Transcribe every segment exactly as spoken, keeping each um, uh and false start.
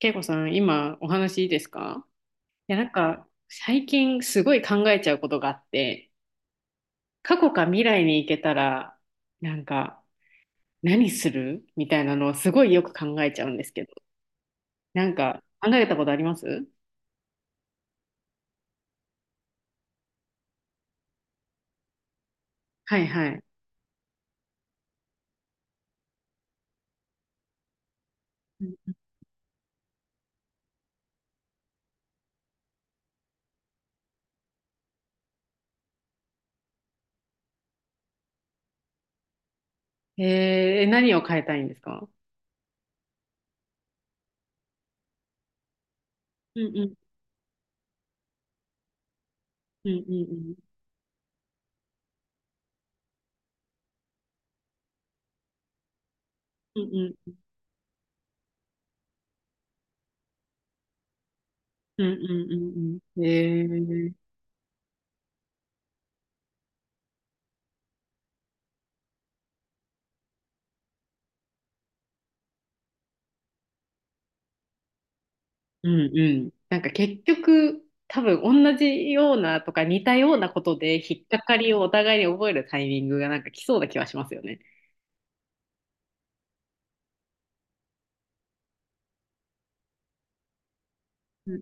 恵子さん、今お話いいですか？いや、なんか最近すごい考えちゃうことがあって、過去か未来に行けたら、なんか何するみたいなのをすごいよく考えちゃうんですけど、なんか考えたことあります？はいはい。うん。えー、何を変えたいんですか？うんうんうんうんうんうんうんうんうんうんうん。えー。うんうん。なんか結局、多分同じようなとか似たようなことで引っかかりをお互いに覚えるタイミングがなんか来そうな気はしますよね。うん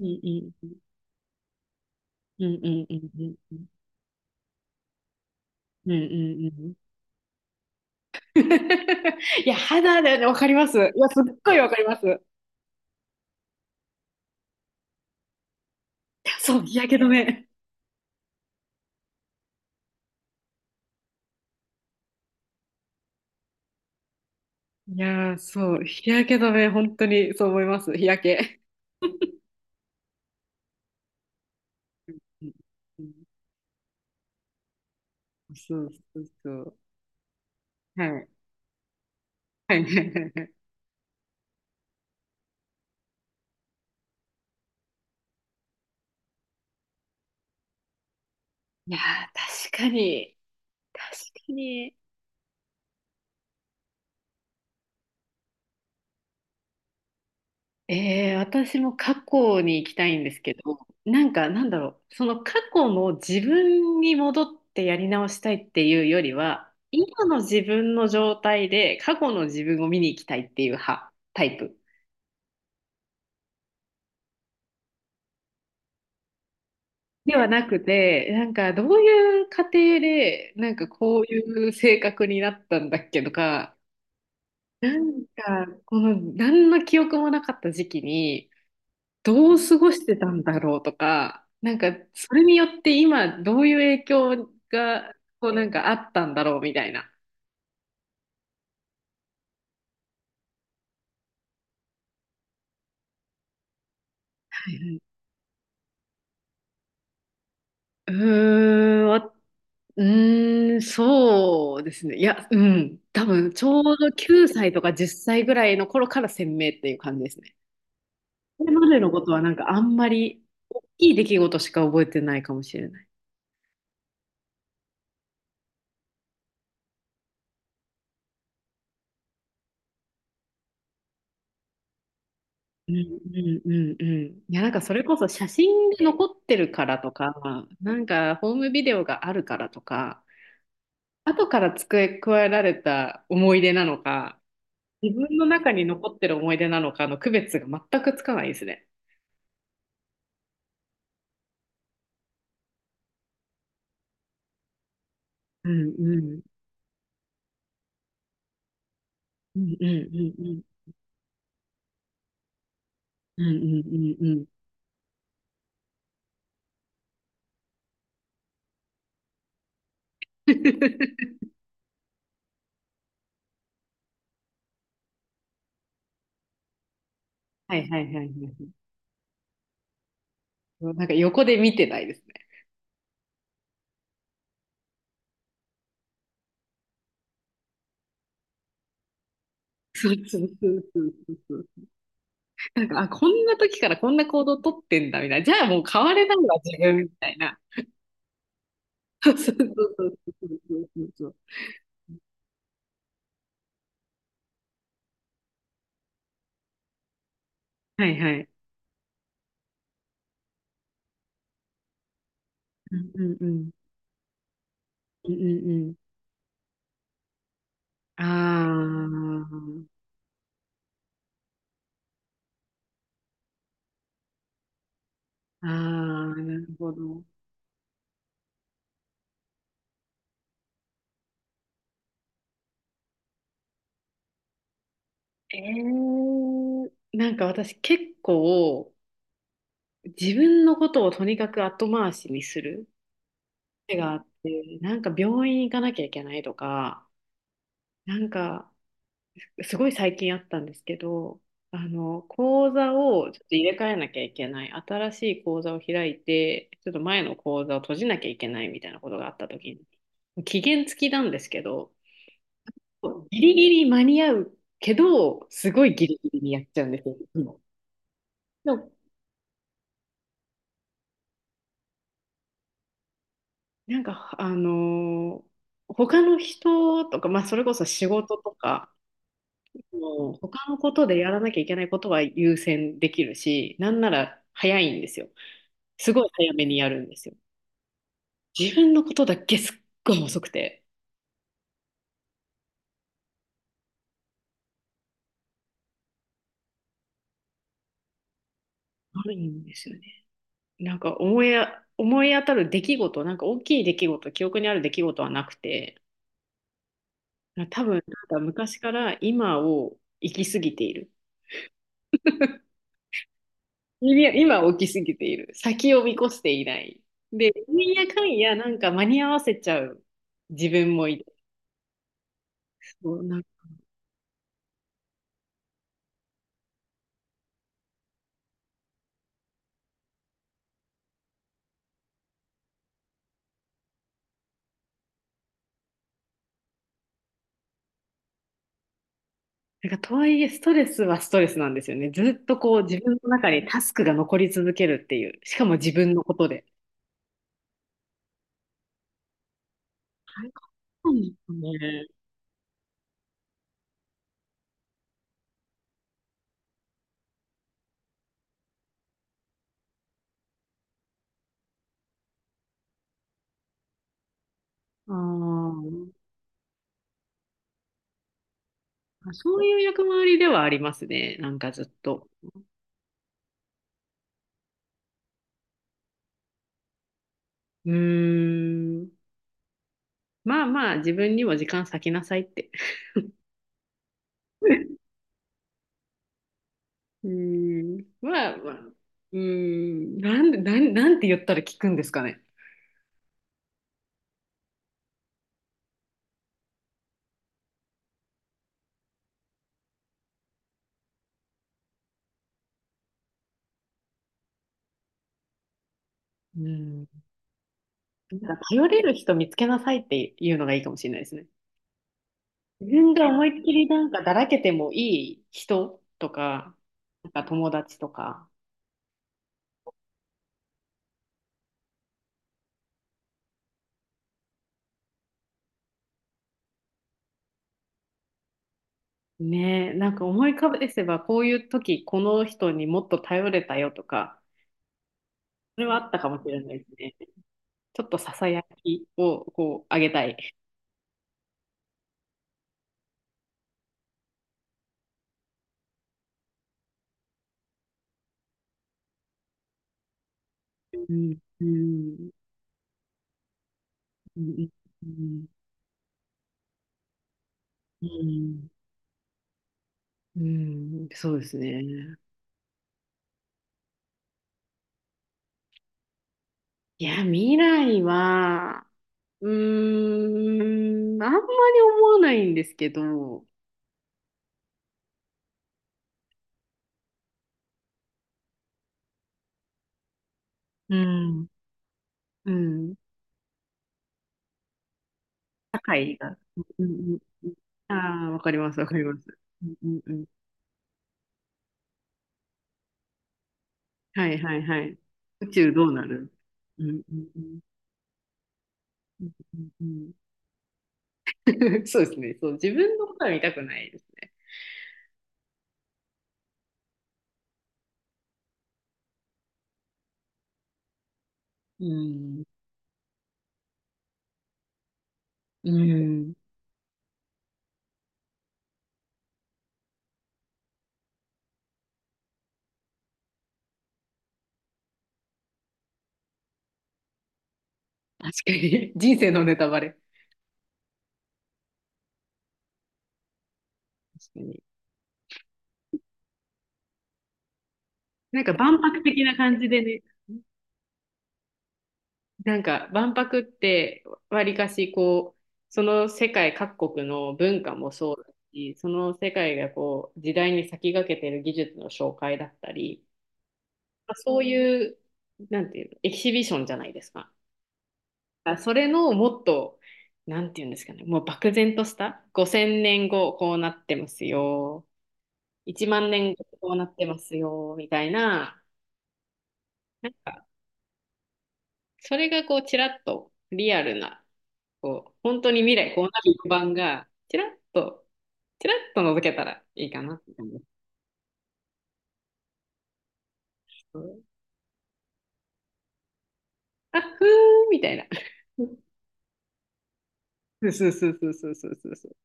うんうんうんうんうんうんうんうんうん。 いや、肌だよね、わかります。いや、すっごいわかります。いやそう、日焼け止め。いやー、そう、日焼け止め、本当にそう思います、日焼け。うん。うん。そうそうそう。はい。はいはいはいはい。いやー、確かに、確かに。えー、私も過去に行きたいんですけど、なんかなんだろう、その過去の自分に戻ってやり直したいっていうよりは、今の自分の状態で過去の自分を見に行きたいっていう派、タイプではなくて、なんかどういう過程で、なんかこういう性格になったんだっけとか、なんかこの何の記憶もなかった時期に、どう過ごしてたんだろうとか、なんかそれによって今どういう影響がこうなんかあったんだろうみたいな。はいはい。うーん、わうーん、そうですね。いや、うん、多分ちょうどきゅうさいとかじゅっさいぐらいの頃から鮮明っていう感じですね。それまでのことはなんかあんまり大きい出来事しか覚えてないかもしれない。うんうんうんうん。いや、なんかそれこそ写真が残ってるからとか、なんかホームビデオがあるからとか、後から付け加えられた思い出なのか、自分の中に残ってる思い出なのかの区別が全くつかないですね。うんうんうんうんうんうんうんうんうん。 はいはいはいはい。なんか横で見てないですね。そうそうそうそうそうそう。なんか、あ、こんな時からこんな行動をとってんだみたいな。じゃあもう変われないわ、自分みたいな。そうそうそうそうそうそうそう。はいはい。うんうんうん。うんうんうん。ああ、ああ、なるほど。えー、なんか私結構自分のことをとにかく後回しにする癖があって、なんか病院行かなきゃいけないとか、なんかすごい最近あったんですけど、あの、講座をちょっと入れ替えなきゃいけない、新しい講座を開いて、ちょっと前の講座を閉じなきゃいけないみたいなことがあった時に、期限付きなんですけど、ギリギリ間に合うけど、すごいギリギリにやっちゃうんですよ。いつも。でも、なんか、あのー他の人とか、まあ、それこそ仕事とか、もう他のことでやらなきゃいけないことは優先できるし、なんなら早いんですよ。すごい早めにやるんですよ。自分のことだけすっごい遅くて、悪いんですよね。なんか思いあ、思い当たる出来事、なんか大きい出来事、記憶にある出来事はなくて、多分なんか昔から今を生きすぎている。今を生きすぎている。先を見越していない。で、なんやかんやなんか間に合わせちゃう自分もいる。そうなんか。なんかとはいえ、ストレスはストレスなんですよね。ずっとこう自分の中にタスクが残り続けるっていう。しかも自分のことで。大変なんですね。ああ、そういう役回りではありますね。なんかずっと。うーん。まあまあ、自分にも時間割きなさいって。うーん。まあまあ。うーん。なんで、なん、なんて言ったら聞くんですかね。うん。なんか頼れる人見つけなさいっていうのがいいかもしれないですね。自分が思いっきりなんかだらけてもいい人とか、なんか友達とか、ねえ、なんか思い浮か返せば、こういう時、この人にもっと頼れたよとか、それはあったかもしれないですね。ちょっとささやきをこう、あげたい。うん、うん、うん、うん、うん、うん、そうですね。いや、未来は、うーん、あんまり思わないんですけど、うん、うん、うん、うん、ああ、わかります、わかります。うん、うん、うん、はいはいはい。宇宙どうなる？うんうんうんうんうんうん。 そうですね。そう、自分のことは見たくないです。うん。うん。確かに。人生のネタバレ。確かに。なんか万博的な感じでね。なんか万博ってわりかしこう、その世界各国の文化もそうだし、その世界がこう、時代に先駆けてる技術の紹介だったり、まあ、そういう、なんていうの、エキシビションじゃないですか。あそれのもっと、なんていうんですかね、もう漠然とした、ごせんねんごこうなってますよ、いちまん年後こうなってますよ、みたいな、なんか、それがこう、ちらっとリアルな、こう、本当に未来こうなる予感が、ちらっと、ちらっと覗けたらいいかなって感じです。あ、ふーんみたいな。そうそうそうそうそうそうそう。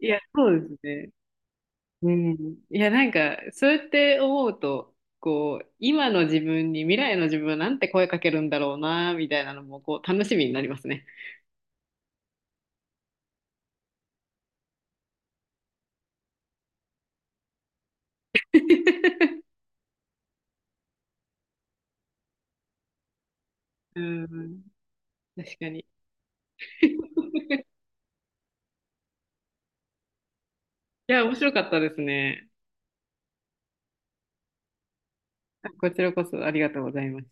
いや、そうですね。うん、いや、なんか、そうやって思うと、こう、今の自分に未来の自分はなんて声かけるんだろうな、みたいなのも、こう、楽しみになりますね。うん、確かに。いや、面白かったですね。こちらこそありがとうございます。